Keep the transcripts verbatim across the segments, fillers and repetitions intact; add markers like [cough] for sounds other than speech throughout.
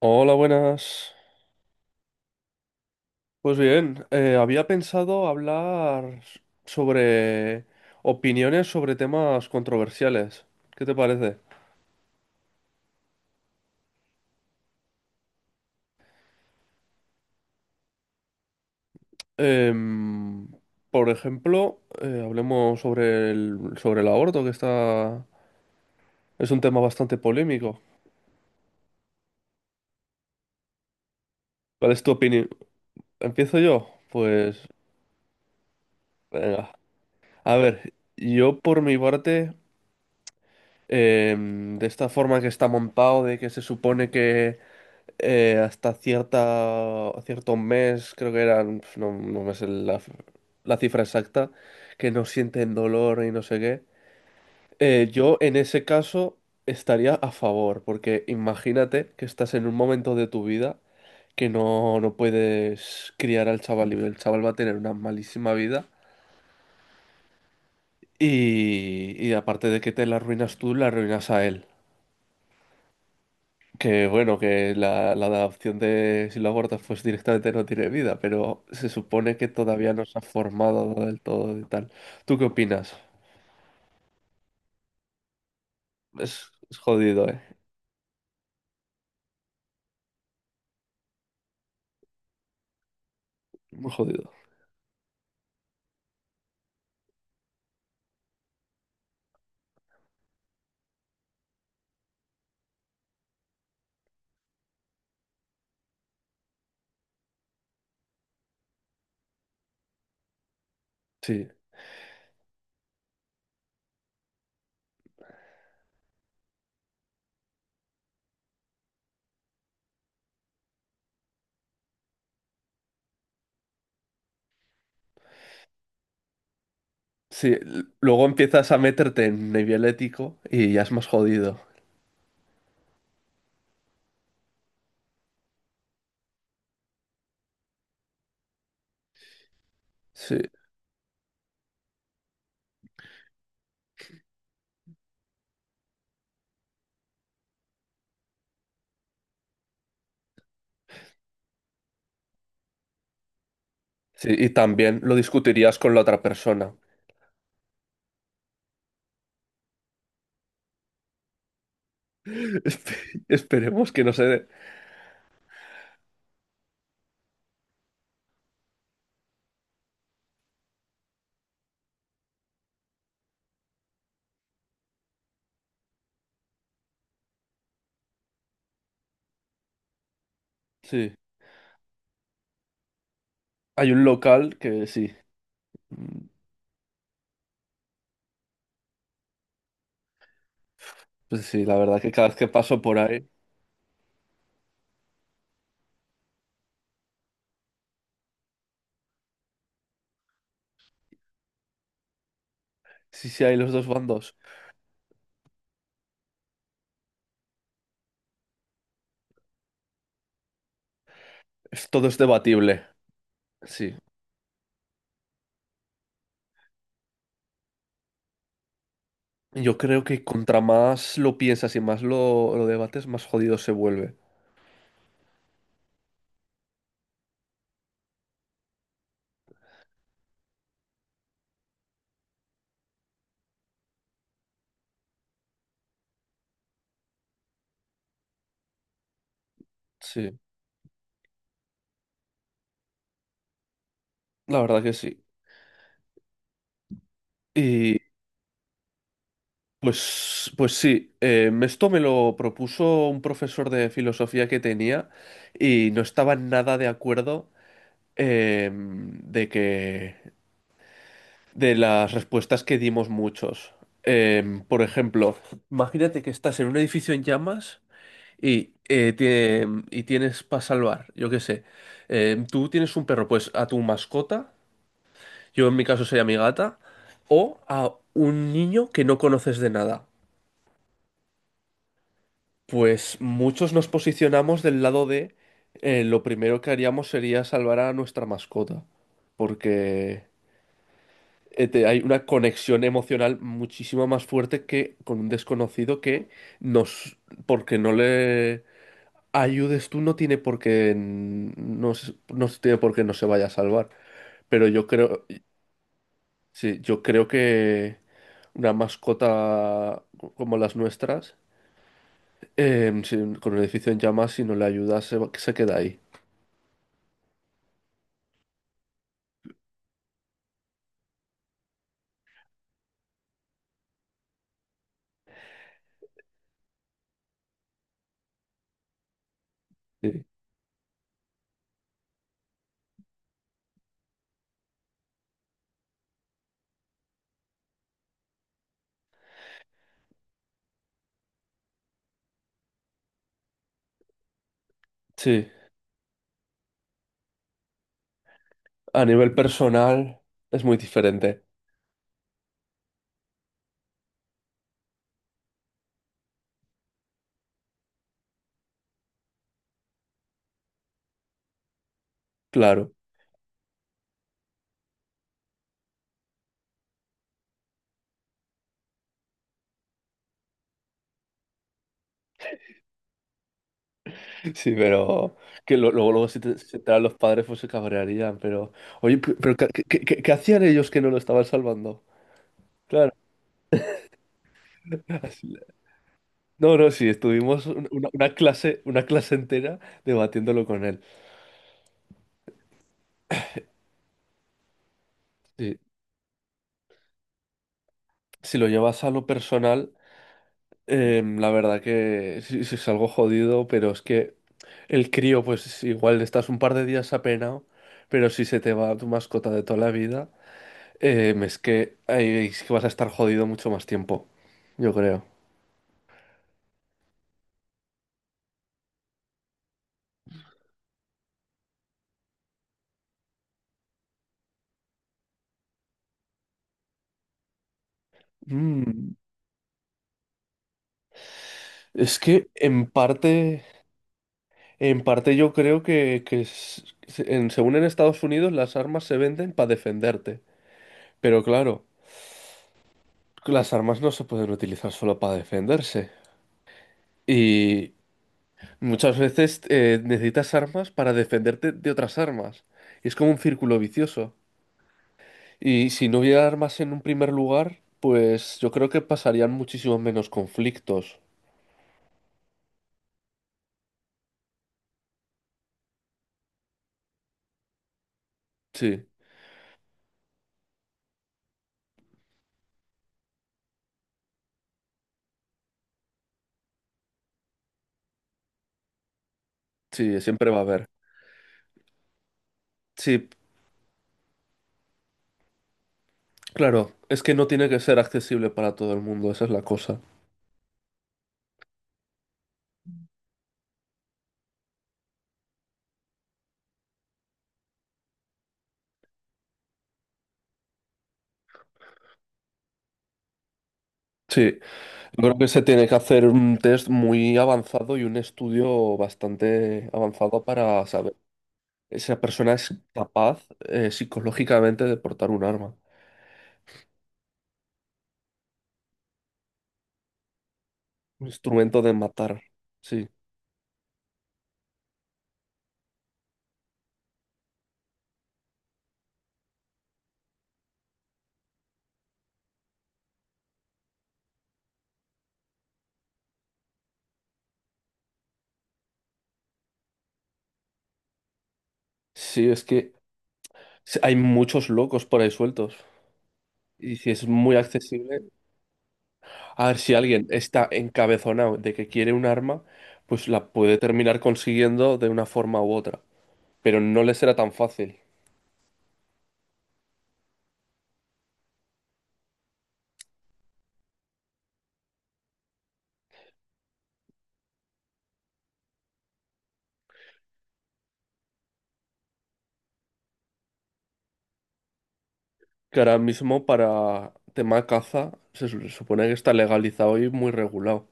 Hola, buenas. Pues bien, eh, había pensado hablar sobre opiniones sobre temas controversiales. ¿Qué te parece? Em, por ejemplo, eh, hablemos sobre el, sobre el aborto, que está, es un tema bastante polémico. ¿Cuál es tu opinión? ¿Empiezo yo? Pues venga. A ver, yo por mi parte, em, de esta forma que está montado, de que se supone que eh, hasta cierta, cierto mes, creo que eran, pf, no, no me sé la, la cifra exacta, que no sienten dolor y no sé qué. Eh, yo en ese caso estaría a favor, porque imagínate que estás en un momento de tu vida que no, no puedes criar al chaval y el chaval va a tener una malísima vida y, y aparte de que te la arruinas tú, la arruinas a él. Que bueno, que la, la adopción de si lo abortas pues directamente no tiene vida, pero se supone que todavía no se ha formado del todo y tal. ¿Tú qué opinas? Es, es jodido, ¿eh? Muy jodido. Sí, sí. l- Luego empiezas a meterte en nivel ético y ya es más jodido. Sí, sí. Y también lo discutirías con la otra persona. [laughs] Espe- Esperemos que no se dé. Sí. Hay un local que sí. mm, Pues sí, la verdad que cada vez que paso por ahí, sí, sí hay los dos bandos. Es- Todo es debatible, sí. Yo creo que contra más lo piensas y más lo, lo debates, más jodido se vuelve. Sí, la verdad que sí. Y pues, pues sí, eh, esto me lo propuso un profesor de filosofía que tenía y no estaba nada de acuerdo em, de que de las respuestas que dimos muchos. Em, por ejemplo, imagínate que estás en un edificio en llamas y, eh, tiene- y tienes para salvar, yo qué sé. Eh, tú tienes un perro, pues a tu mascota, yo en mi caso sería mi gata, o a un niño que no conoces de nada. Pues muchos nos posicionamos del lado de eh, lo primero que haríamos sería salvar a nuestra mascota, porque eh, te- hay una conexión emocional muchísimo más fuerte que con un desconocido que nos, porque no le ayudes tú no tiene por qué n- no, se- no se tiene por qué no se vaya a salvar. Pero yo creo, sí, yo creo que una mascota como las nuestras, em, sin- con el edificio en llamas, si no le ayudas, se, va- se queda ahí. Sí. Sí. A nivel personal es muy diferente, claro. Sí, pero que lo- luego, luego si te, si te enteran los padres, pues se cabrearían. Pero, oye, pe- pero, ¿qué, qué- qué- qué hacían ellos que no lo estaban salvando? Claro. [laughs] No, no, sí, estuvimos un- una, una clase, una clase entera debatiéndolo con él. Sí, si lo llevas a lo personal, eh, la verdad que sí, sí es algo jodido, pero es que el crío, pues igual estás un par de días apenado, pero si se te va tu mascota de toda la vida, eh, es que, ahí es que vas a estar jodido mucho más tiempo, yo creo. Mm. Es que en parte, En parte yo creo que, que s- en- según en Estados Unidos las armas se venden para defenderte. Pero claro, las armas no se pueden utilizar solo para defenderse. Y muchas veces eh, necesitas armas para defenderte de otras armas. Y es como un círculo vicioso. Y si no hubiera armas en un primer lugar, pues yo creo que pasarían muchísimos menos conflictos. Sí, sí, siempre va a haber. Sí, claro, es que no tiene que ser accesible para todo el mundo, esa es la cosa. Sí, yo creo que se tiene que hacer un test muy avanzado y un estudio bastante avanzado para saber. Esa persona es capaz eh, psicológicamente de portar un arma, un instrumento de matar. Sí, sí, es que s- hay muchos locos por ahí sueltos. Y si es muy accesible, a ver si alguien está encabezonado de que quiere un arma, pues la puede terminar consiguiendo de una forma u otra. Pero no le será tan fácil. Que ahora mismo para tema caza se su- supone que está legalizado y muy regulado.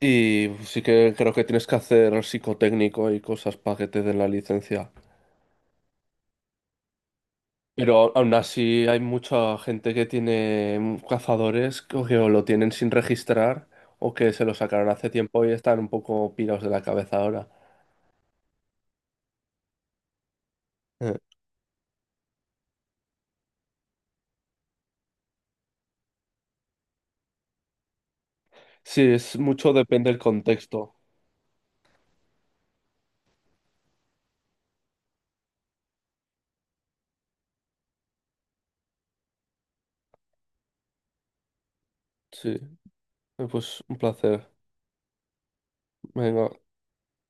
Y sí que creo que tienes que hacer psicotécnico y cosas para que te den la licencia. Pero aún así hay mucha gente que tiene mm, cazadores que o que o lo tienen sin registrar o que se lo sacaron hace tiempo y están un poco pirados de la cabeza ahora. Eh, Sí, es mucho depende del contexto. Sí, eh, pues un placer. Venga.